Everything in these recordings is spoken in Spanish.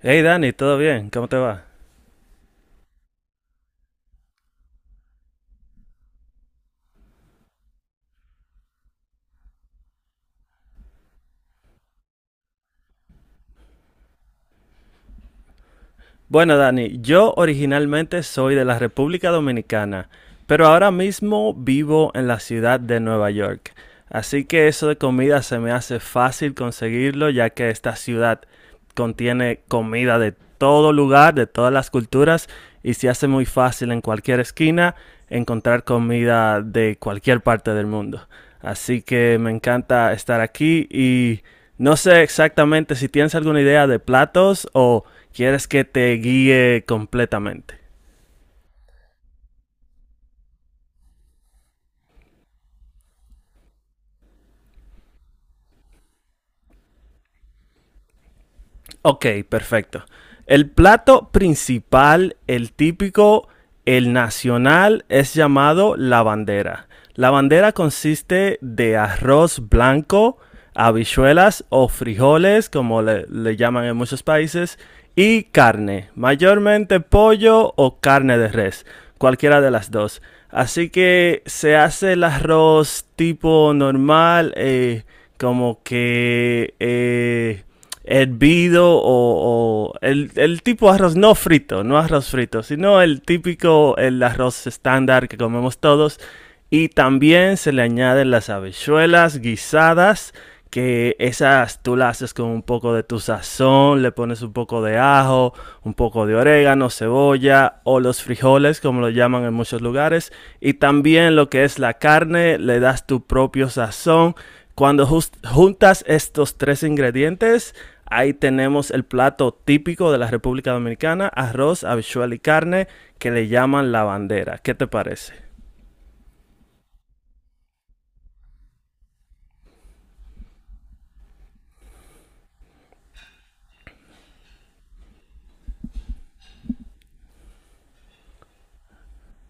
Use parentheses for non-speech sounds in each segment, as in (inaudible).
Hey Dani, ¿todo bien? ¿Cómo te va? Bueno Dani, yo originalmente soy de la República Dominicana, pero ahora mismo vivo en la ciudad de Nueva York. Así que eso de comida se me hace fácil conseguirlo ya que esta ciudad contiene comida de todo lugar, de todas las culturas y se hace muy fácil en cualquier esquina encontrar comida de cualquier parte del mundo. Así que me encanta estar aquí y no sé exactamente si tienes alguna idea de platos o quieres que te guíe completamente. Ok, perfecto. El plato principal, el típico, el nacional, es llamado la bandera. La bandera consiste de arroz blanco, habichuelas o frijoles, como le llaman en muchos países, y carne, mayormente pollo o carne de res, cualquiera de las dos. Así que se hace el arroz tipo normal, como que hervido o el tipo de arroz no frito, no arroz frito, sino el típico, el arroz estándar que comemos todos. Y también se le añaden las habichuelas guisadas, que esas tú las haces con un poco de tu sazón, le pones un poco de ajo, un poco de orégano, cebolla o los frijoles, como lo llaman en muchos lugares. Y también lo que es la carne, le das tu propio sazón cuando juntas estos tres ingredientes, ahí tenemos el plato típico de la República Dominicana, arroz, habichuela y carne, que le llaman la bandera. ¿Qué te parece?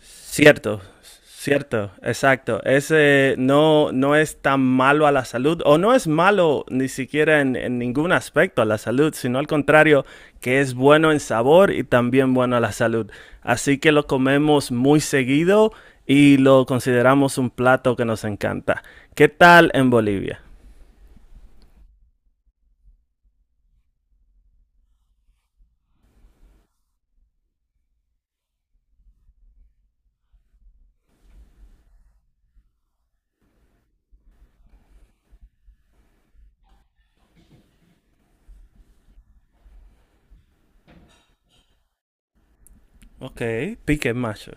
Cierto, cierto, exacto. Ese no, no es tan malo a la salud, o no es malo ni siquiera en ningún aspecto a la salud, sino al contrario, que es bueno en sabor y también bueno a la salud. Así que lo comemos muy seguido y lo consideramos un plato que nos encanta. ¿Qué tal en Bolivia? Ok, pique macho.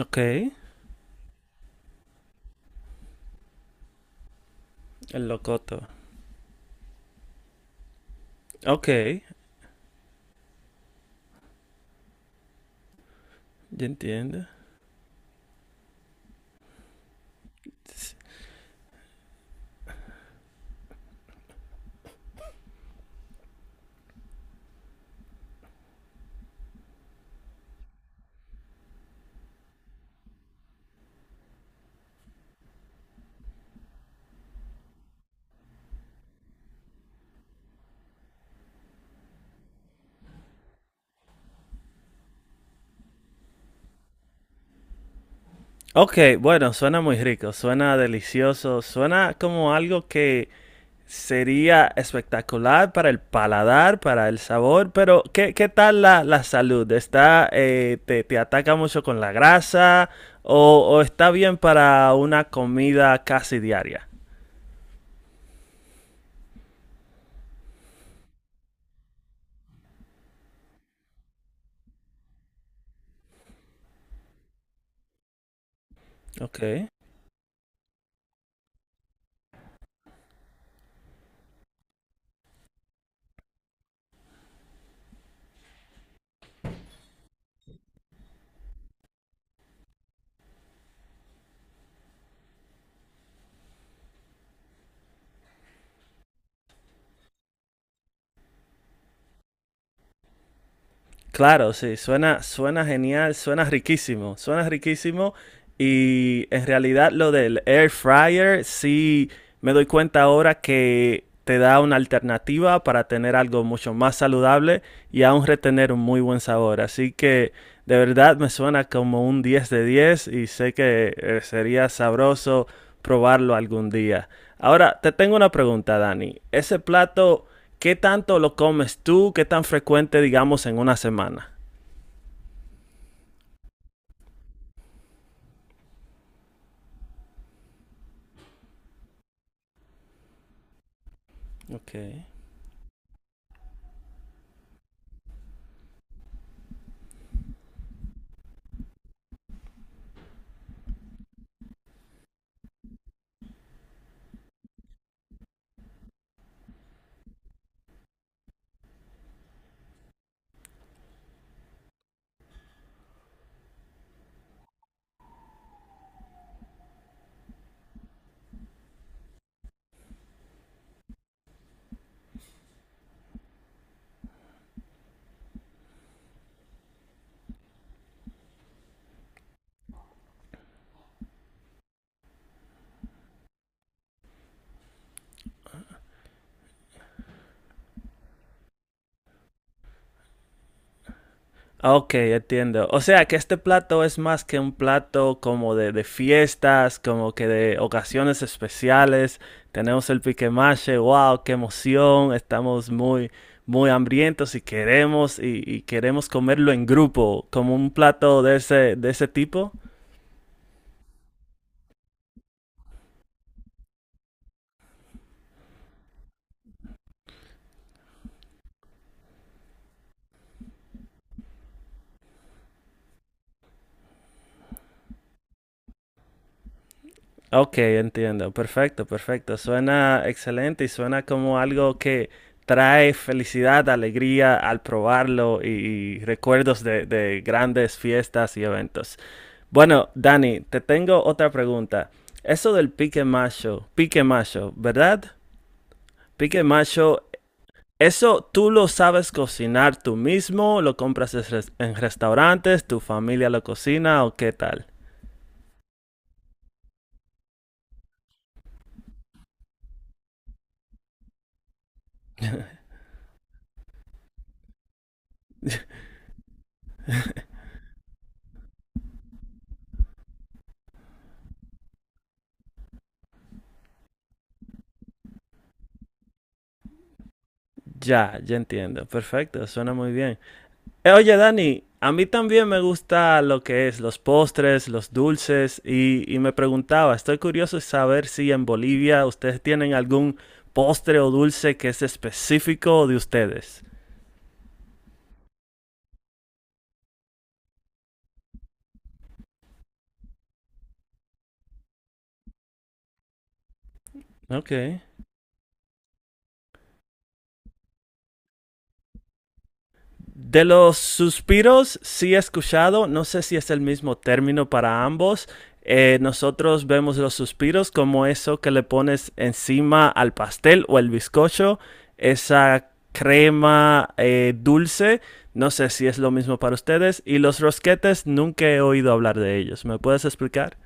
Ok, el locoto. Ok, ya entiendo. Ok, bueno, suena muy rico, suena delicioso, suena como algo que sería espectacular para el paladar, para el sabor, pero ¿qué, qué tal la salud? ¿Está, te, te ataca mucho con la grasa o está bien para una comida casi diaria? Ok. Claro, sí, suena, suena genial, suena riquísimo, suena riquísimo. Y en realidad lo del air fryer, sí me doy cuenta ahora que te da una alternativa para tener algo mucho más saludable y aún retener un muy buen sabor. Así que de verdad me suena como un 10 de 10 y sé que sería sabroso probarlo algún día. Ahora, te tengo una pregunta, Dani. ¿Ese plato? ¿Qué tanto lo comes tú? ¿Qué tan frecuente, digamos, en una semana? Ok. Ah, ok, entiendo. O sea que este plato es más que un plato como de fiestas, como que de ocasiones especiales. Tenemos el piquemache, wow, qué emoción. Estamos muy, muy hambrientos y queremos, y queremos comerlo en grupo, como un plato de ese tipo. Ok, entiendo. Perfecto, perfecto. Suena excelente y suena como algo que trae felicidad, alegría al probarlo y recuerdos de grandes fiestas y eventos. Bueno, Dani, te tengo otra pregunta. Eso del pique macho, ¿verdad? Pique macho, ¿eso tú lo sabes cocinar tú mismo? ¿Lo compras en en restaurantes? ¿Tu familia lo cocina o qué tal? Ya, ya entiendo. Perfecto, suena muy bien. Oye, Dani, a mí también me gusta lo que es los postres, los dulces, y me preguntaba, estoy curioso de saber si en Bolivia ustedes tienen algún postre o dulce que es específico de ustedes. Ok. De los suspiros sí he escuchado, no sé si es el mismo término para ambos. Nosotros vemos los suspiros como eso que le pones encima al pastel o el bizcocho, esa crema dulce. No sé si es lo mismo para ustedes. Y los rosquetes nunca he oído hablar de ellos. ¿Me puedes explicar?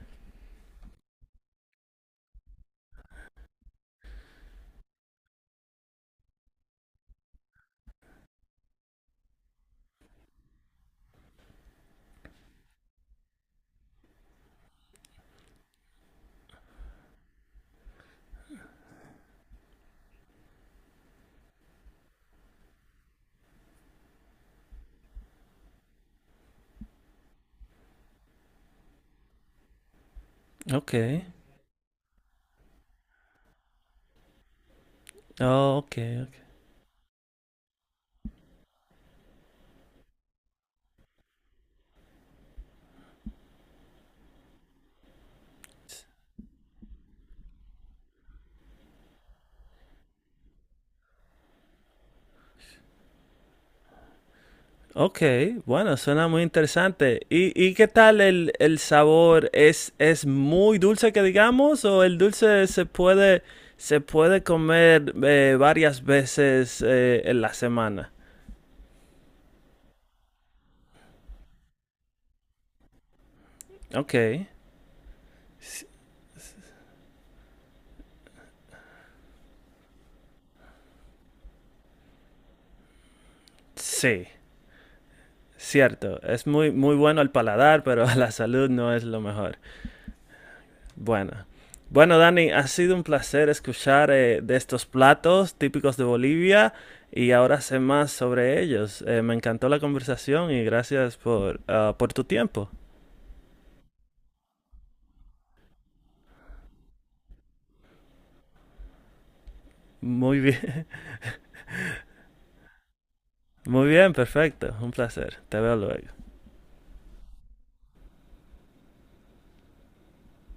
Ok. Oh, ok, ok. Ok, bueno, suena muy interesante. Y qué tal el sabor? Es muy dulce que digamos o el dulce se puede comer varias veces en la semana? Ok, s- sí, cierto. Es muy, muy bueno al paladar, pero (laughs) a la salud no es lo mejor. Bueno. Bueno, Dani, ha sido un placer escuchar de estos platos típicos de Bolivia y ahora sé más sobre ellos. Me encantó la conversación y gracias por, ah, por tu tiempo. Muy bien, (laughs) muy bien, perfecto, un placer. Te veo luego.